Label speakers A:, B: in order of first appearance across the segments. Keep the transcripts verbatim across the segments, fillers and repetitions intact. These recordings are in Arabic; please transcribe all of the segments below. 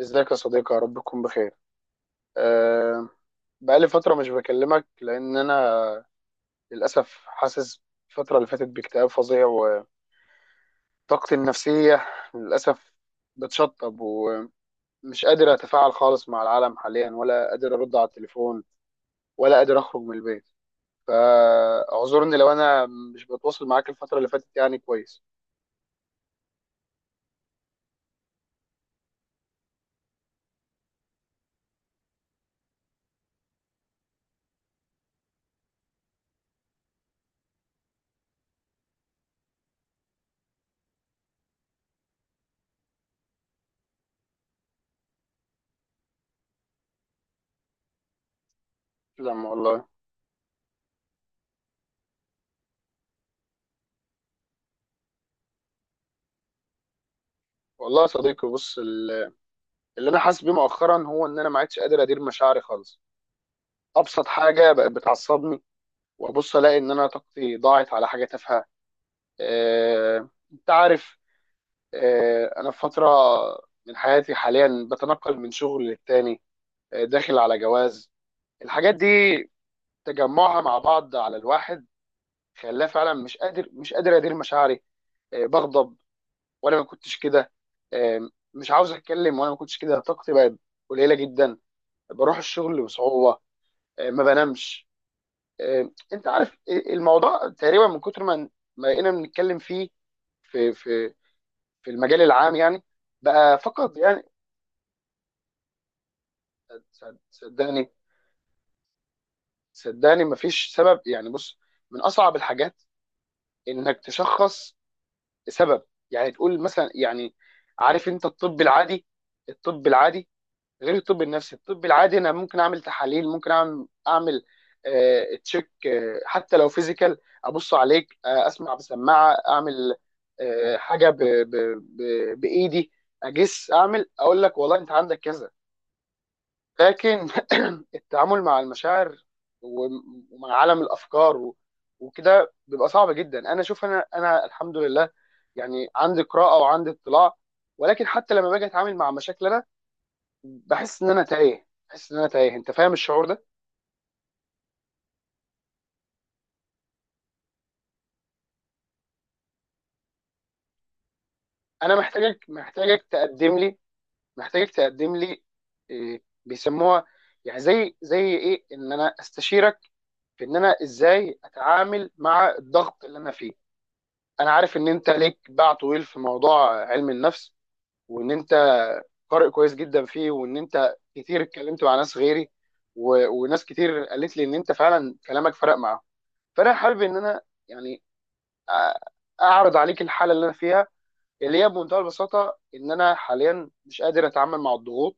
A: ازيك يا صديقي؟ يا رب تكون بخير. أه بقالي فترة مش بكلمك لأن أنا للأسف حاسس الفترة اللي فاتت باكتئاب فظيع، وطاقتي النفسية للأسف بتشطب، ومش قادر أتفاعل خالص مع العالم حاليا، ولا قادر أرد على التليفون، ولا قادر أخرج من البيت. فاعذرني لو أنا مش بتواصل معاك الفترة اللي فاتت، يعني كويس. لما والله، والله يا صديقي بص ال- اللي أنا حاسس بيه مؤخرا هو إن أنا ما عدتش قادر أدير مشاعري خالص. أبسط حاجة بقت بتعصبني، وابص الاقي ان انا طاقتي ضاعت على حاجه تافهه. آه، انت عارف، آه، انا في فتره من حياتي حاليا بتنقل من شغل للتاني، آه، داخل على جواز. الحاجات دي تجمعها مع بعض على الواحد خلاه فعلا مش قادر مش قادر ادير مشاعري. آه، بغضب، وانا ما كنتش كده. آه، مش عاوز اتكلم، وانا ما كنتش كده. طاقتي بقت قليله جدا، بروح الشغل بصعوبه، آه، ما بنامش. آه، انت عارف، آه، الموضوع تقريبا من كتر ما ما بقينا بنتكلم فيه في في في المجال العام، يعني بقى فقط يعني. صد- صدقني، صدقني مفيش سبب. يعني بص، من اصعب الحاجات انك تشخص سبب، يعني تقول مثلا، يعني عارف انت الطب العادي؟ الطب العادي غير الطب النفسي. الطب العادي انا ممكن اعمل تحاليل، ممكن اعمل اعمل آه تشيك، آه حتى لو فيزيكال، ابص عليك، آه اسمع بسماعه، اعمل آه حاجه ب ب ب بايدي اجس، اعمل اقول لك والله انت عندك كذا. لكن التعامل مع المشاعر، وم- ومع عالم الافكار و- وكده بيبقى صعب جدا. انا شوف، انا انا الحمد لله يعني عندي قراءه وعندي اطلاع، ولكن حتى لما باجي اتعامل مع مشاكل انا بحس ان انا تايه، بحس ان انا تايه، انت فاهم الشعور ده؟ انا محتاجك محتاجك تقدم لي، محتاجك تقدم لي إيه بيسموها، يعني زي زي ايه ان انا استشيرك في ان انا ازاي اتعامل مع الضغط اللي انا فيه. انا عارف ان انت ليك باع طويل في موضوع علم النفس، وان انت قارئ كويس جدا فيه، وان انت كتير اتكلمت مع ناس غيري، و... وناس كتير قالت لي ان انت فعلا كلامك فرق معاهم. فانا حابب ان انا، يعني أ- اعرض عليك الحاله اللي انا فيها، اللي هي بمنتهى البساطه ان انا حاليا مش قادر اتعامل مع الضغوط،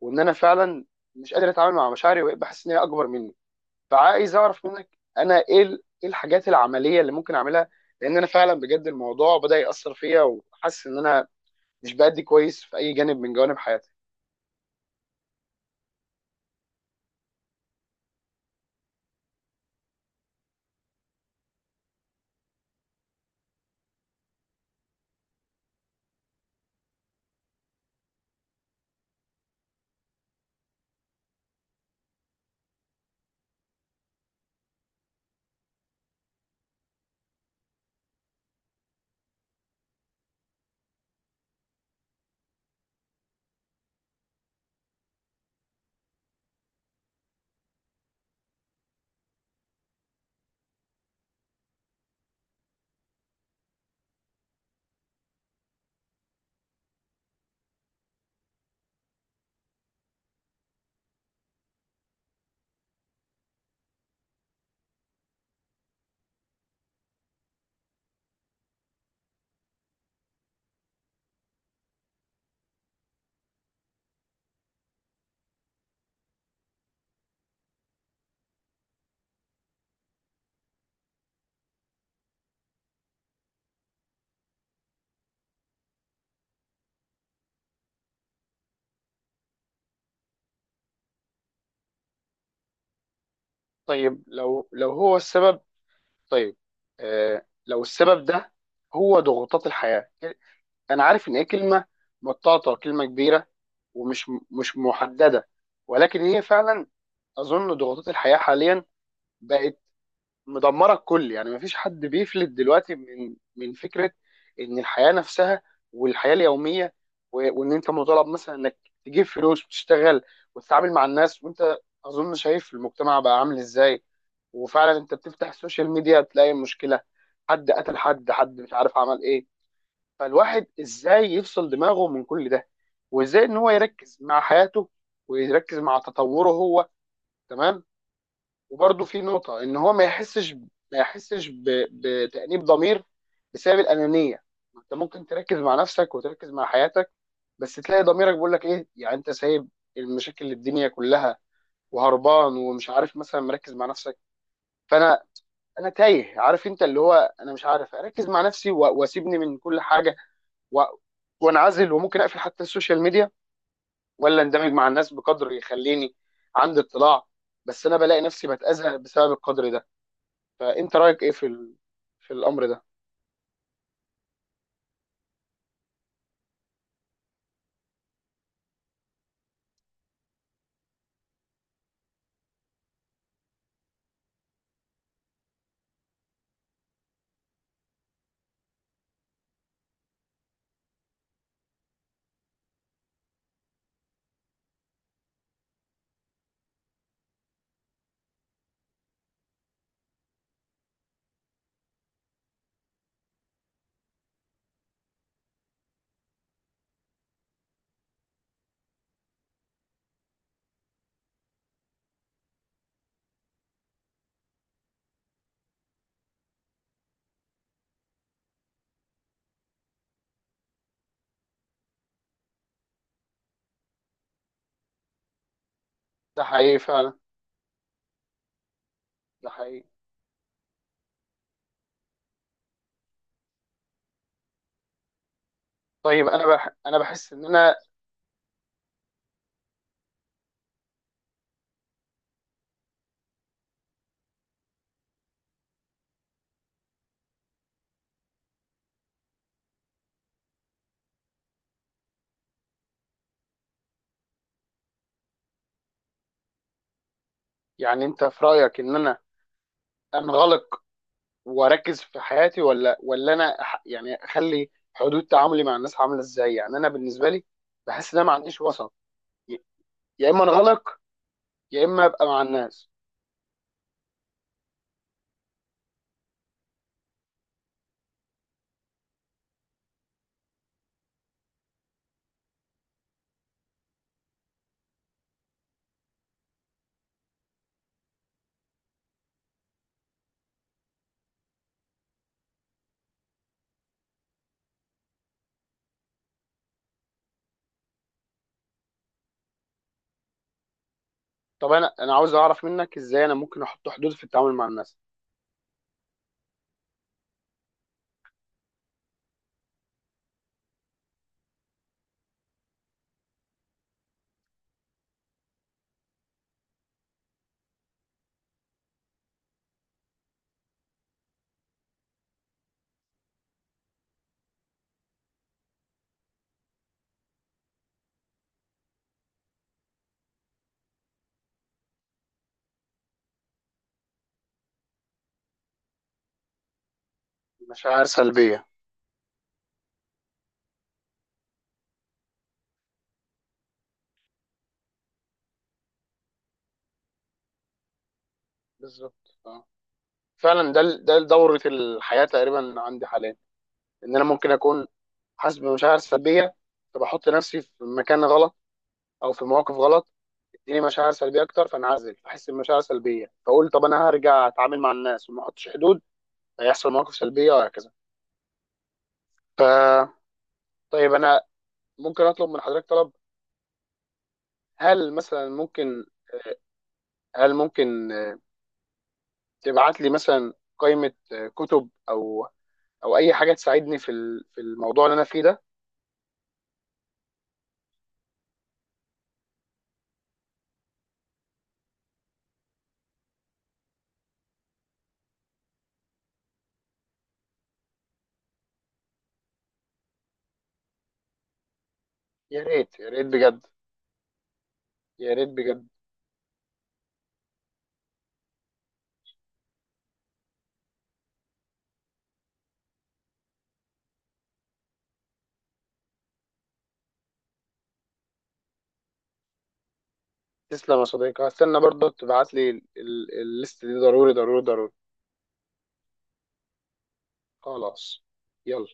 A: وان انا فعلا مش قادر اتعامل مع مشاعري، وبقيت بحس ان هي اكبر مني. فعايز اعرف منك انا ايه ال- ايه الحاجات العمليه اللي ممكن اعملها، لان انا فعلا بجد الموضوع بدا ياثر فيا، وحاسس ان انا مش بادي كويس في اي جانب من جوانب حياتي. طيب لو لو هو السبب. طيب آه لو السبب ده هو ضغوطات الحياه، انا عارف ان هي كلمه مطاطه، كلمه كبيره، ومش مش محدده، ولكن هي فعلا اظن ضغوطات الحياه حاليا بقت مدمره الكل. يعني مفيش حد بيفلت دلوقتي من من فكره ان الحياه نفسها والحياه اليوميه، و- وان انت مطالب مثلا انك تجيب فلوس وتشتغل وتتعامل مع الناس، وانت اظن شايف المجتمع بقى عامل ازاي. وفعلا انت بتفتح السوشيال ميديا تلاقي مشكله، حد قتل حد، حد مش عارف عمل ايه. فالواحد ازاي يفصل دماغه من كل ده، وازاي ان هو يركز مع حياته ويركز مع تطوره هو، تمام. وبرده في نقطه ان هو ما يحسش ما يحسش ب- بتانيب ضمير بسبب الانانيه. انت ممكن تركز مع نفسك وتركز مع حياتك، بس تلاقي ضميرك بيقول لك ايه، يعني انت سايب المشاكل الدنيا كلها وهربان ومش عارف، مثلا مركز مع نفسك. فانا انا تايه، عارف انت اللي هو انا مش عارف اركز مع نفسي، و- واسيبني من كل حاجه، و- وانعزل، وممكن اقفل حتى السوشيال ميديا، ولا اندمج مع الناس بقدر يخليني عندي اطلاع. بس انا بلاقي نفسي بتاذى بسبب القدر ده. فانت رايك ايه في ال... في الامر ده؟ ده حقيقي فعلا، ده حقيقي. طيب انا بح... انا بحس ان انا، يعني انت في رايك ان انا انغلق واركز في حياتي، ولا ولا انا أح- يعني اخلي حدود تعاملي مع الناس عامله ازاي؟ يعني انا بالنسبه لي بحس ان انا ما عنديش وسط. ي- يا اما انغلق، يا اما ابقى مع الناس. طب انا انا عاوز اعرف منك ازاي انا ممكن احط حدود في التعامل مع الناس. مشاعر سلبيه. بالظبط اه، فعلا ده ال- ده دورة الحياة تقريبا عندي حاليا. ان انا ممكن اكون حاسس بمشاعر سلبيه، فبحط نفسي في مكان غلط، او في مواقف غلط، تديني مشاعر سلبيه اكتر، فانعزل، فاحس بمشاعر سلبيه، فاقول طب انا هرجع اتعامل مع الناس وما احطش حدود، هيحصل مواقف سلبيه، وهكذا. ف طيب انا ممكن اطلب من حضرتك طلب؟ هل مثلا ممكن، هل ممكن آه، تبعت لي مثلا قائمه آه، كتب، او او اي حاجه تساعدني في ال- في الموضوع اللي انا فيه ده؟ يا ريت، يا ريت بجد، يا ريت بجد. تسلم يا صديقي، هستنى برضه تبعت لي ال- ال- الليست دي، ضروري ضروري ضروري. خلاص، يلا.